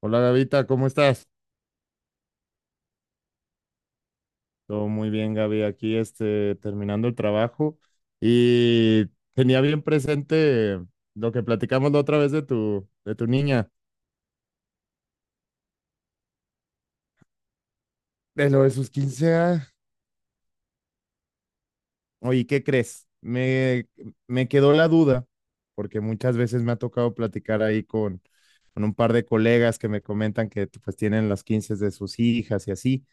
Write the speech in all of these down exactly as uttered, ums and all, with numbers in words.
Hola Gavita, ¿cómo estás? Todo muy bien, Gaby. Aquí este, terminando el trabajo y tenía bien presente lo que platicamos la otra vez de tu, de tu niña, de lo de sus quince años. Oye, ¿qué crees? Me, me quedó la duda, porque muchas veces me ha tocado platicar ahí con, con un par de colegas que me comentan que pues tienen las quince de sus hijas y así.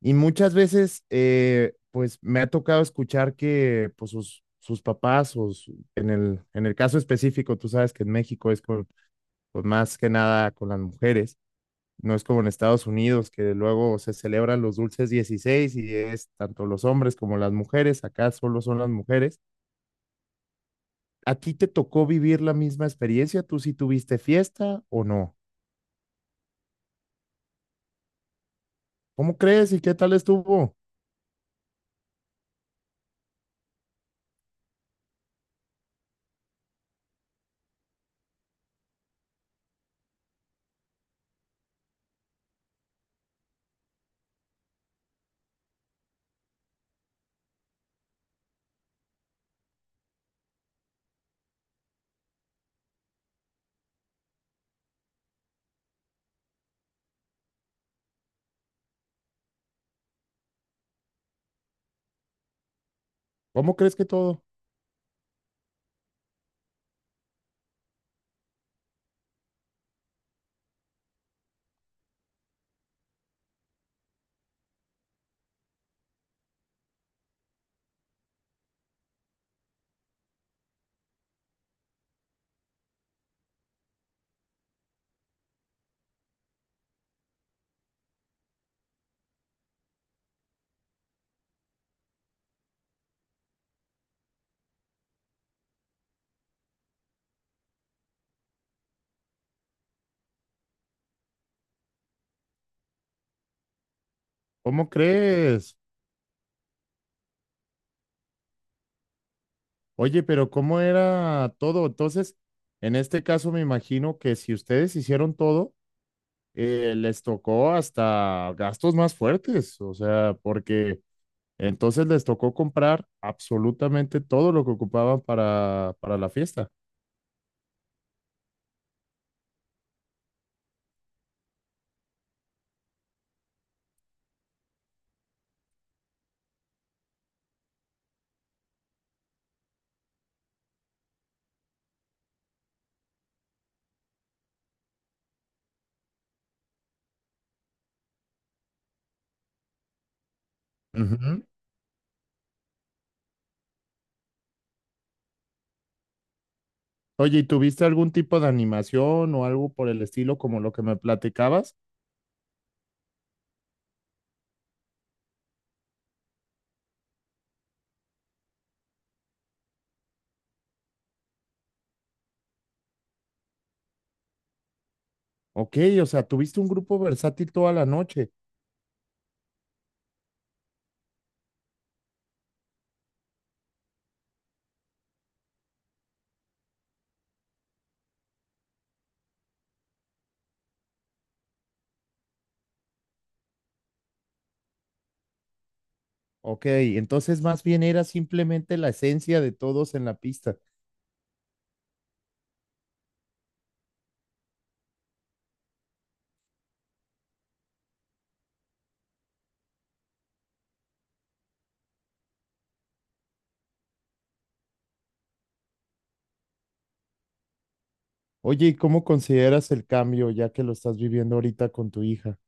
Y muchas veces, eh, pues me ha tocado escuchar que pues, sus, sus papás, o su- en el, en el caso específico, tú sabes que en México es con, pues, más que nada con las mujeres, no es como en Estados Unidos, que luego se celebran los dulces dieciséis y es tanto los hombres como las mujeres, acá solo son las mujeres. ¿A ti te tocó vivir la misma experiencia? ¿Tú sí tuviste fiesta o no? ¿Cómo crees y qué tal estuvo? ¿Cómo crees que todo? ¿Cómo crees? Oye, pero ¿cómo era todo? Entonces, en este caso me imagino que si ustedes hicieron todo, eh, les tocó hasta gastos más fuertes, o sea, porque entonces les tocó comprar absolutamente todo lo que ocupaban para, para la fiesta. Ujú. Oye, ¿y tuviste algún tipo de animación o algo por el estilo como lo que me platicabas? Ok, o sea, tuviste un grupo versátil toda la noche. Ok, entonces más bien era simplemente la esencia de todos en la pista. Oye, ¿y cómo consideras el cambio ya que lo estás viviendo ahorita con tu hija?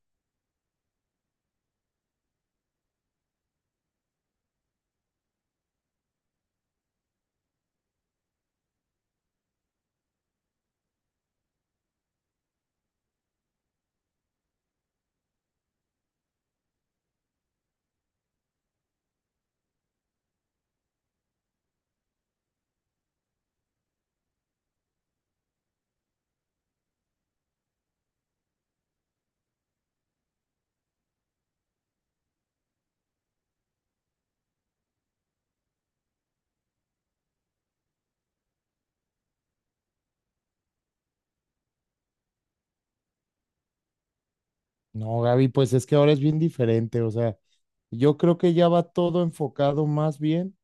No, Gaby, pues es que ahora es bien diferente, o sea, yo creo que ya va todo enfocado más bien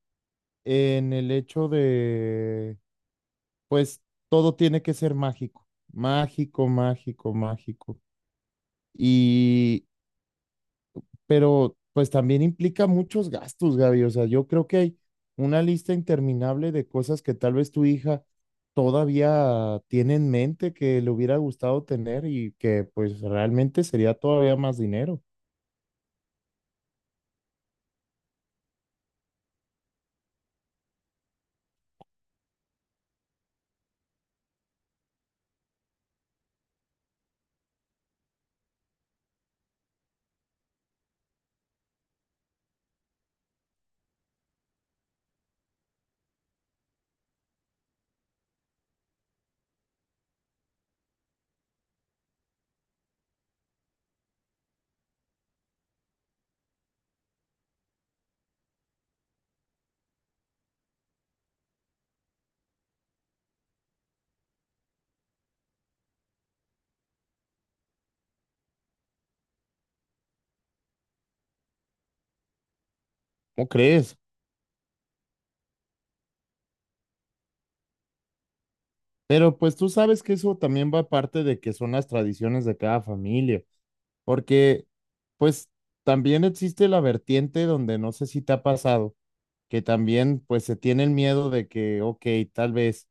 en el hecho de, pues todo tiene que ser mágico, mágico, mágico, mágico. Y pero pues también implica muchos gastos, Gaby. O sea, yo creo que hay una lista interminable de cosas que tal vez tu hija todavía tiene en mente que le hubiera gustado tener y que pues realmente sería todavía más dinero. ¿Cómo crees? Pero pues tú sabes que eso también va parte de que son las tradiciones de cada familia, porque pues también existe la vertiente donde no sé si te ha pasado, que también pues se tiene el miedo de que, ok, tal vez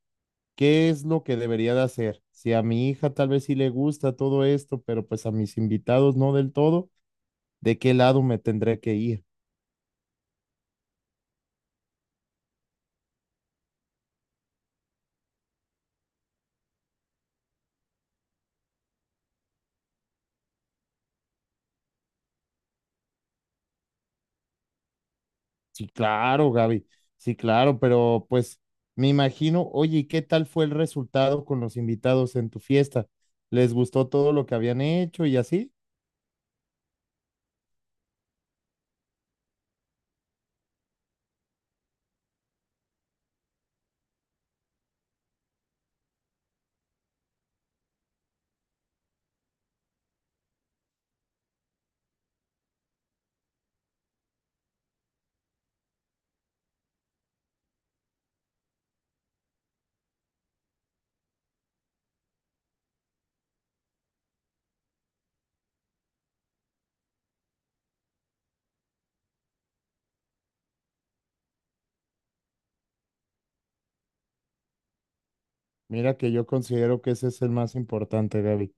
¿qué es lo que debería de hacer? Si a mi hija tal vez sí le gusta todo esto, pero pues a mis invitados no del todo, ¿de qué lado me tendré que ir? Sí, claro, Gaby, sí, claro, pero pues me imagino, oye, ¿y qué tal fue el resultado con los invitados en tu fiesta? ¿Les gustó todo lo que habían hecho y así? Mira que yo considero que ese es el más importante, Gaby,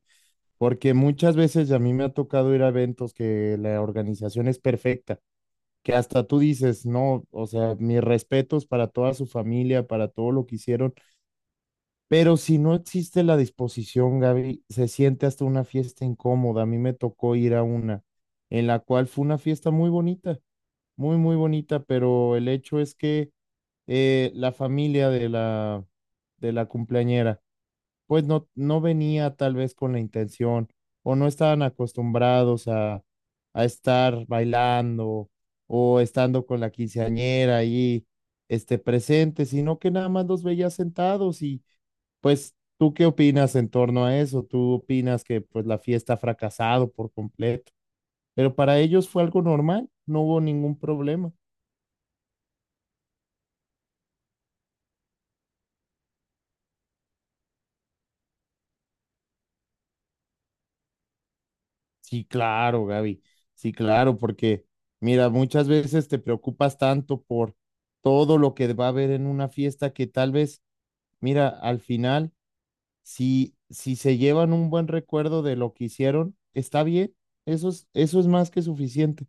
porque muchas veces a mí me ha tocado ir a eventos que la organización es perfecta que hasta tú dices, no, o sea, mis respetos para toda su familia, para todo lo que hicieron, pero si no existe la disposición, Gaby, se siente hasta una fiesta incómoda. A mí me tocó ir a una, en la cual fue una fiesta muy bonita, muy, muy bonita, pero el hecho es que eh, la familia de la, de la cumpleañera, pues no, no venía tal vez con la intención o no estaban acostumbrados a, a estar bailando o estando con la quinceañera ahí este, presente, sino que nada más los veía sentados y pues ¿tú qué opinas en torno a eso? ¿Tú opinas que pues la fiesta ha fracasado por completo? Pero para ellos fue algo normal, no hubo ningún problema. Sí, claro, Gaby. Sí, claro, porque mira, muchas veces te preocupas tanto por todo lo que va a haber en una fiesta que tal vez, mira, al final, si, si se llevan un buen recuerdo de lo que hicieron, está bien. Eso es, eso es más que suficiente.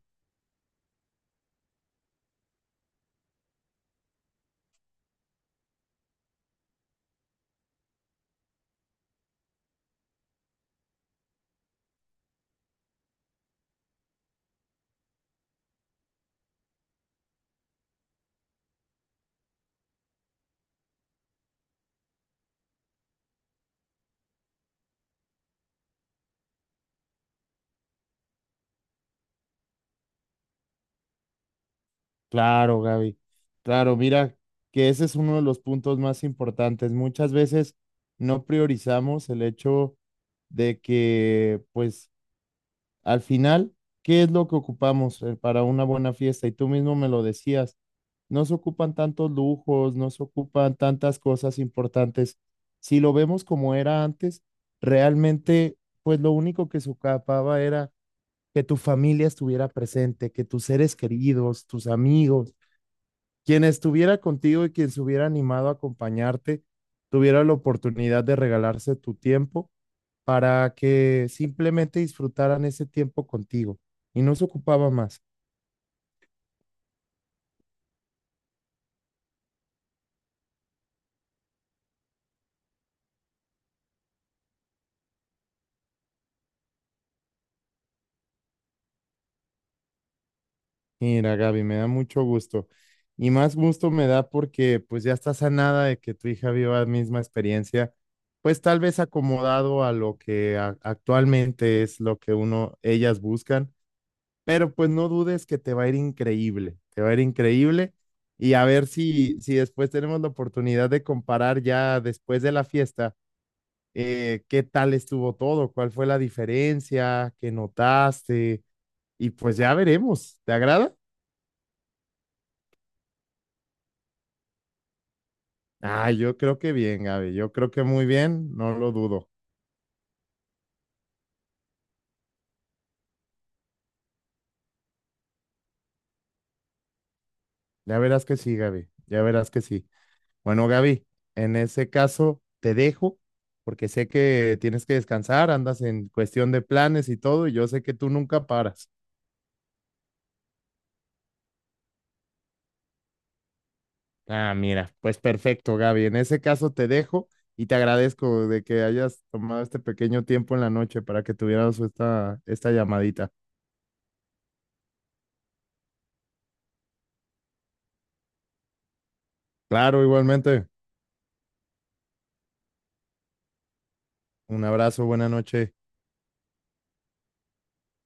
Claro, Gaby. Claro, mira, que ese es uno de los puntos más importantes. Muchas veces no priorizamos el hecho de que, pues, al final, ¿qué es lo que ocupamos eh, para una buena fiesta? Y tú mismo me lo decías, no se ocupan tantos lujos, no se ocupan tantas cosas importantes. Si lo vemos como era antes, realmente, pues lo único que se ocupaba era que tu familia estuviera presente, que tus seres queridos, tus amigos, quien estuviera contigo y quien se hubiera animado a acompañarte, tuviera la oportunidad de regalarse tu tiempo para que simplemente disfrutaran ese tiempo contigo y no se ocupaba más. Mira, Gaby, me da mucho gusto. Y más gusto me da porque pues ya está sanada de que tu hija viva la misma experiencia, pues tal vez acomodado a lo que a- actualmente es lo que uno, ellas buscan, pero pues no dudes que te va a ir increíble, te va a ir increíble y a ver si, si después tenemos la oportunidad de comparar ya después de la fiesta eh, qué tal estuvo todo, cuál fue la diferencia, qué notaste, y pues ya veremos. ¿Te agrada? Ah, yo creo que bien, Gaby, yo creo que muy bien, no lo dudo. Ya verás que sí, Gaby, ya verás que sí. Bueno, Gaby, en ese caso te dejo porque sé que tienes que descansar, andas en cuestión de planes y todo, y yo sé que tú nunca paras. Ah, mira, pues perfecto, Gaby. En ese caso te dejo y te agradezco de que hayas tomado este pequeño tiempo en la noche para que tuviéramos esta, esta llamadita. Claro, igualmente. Un abrazo, buena noche.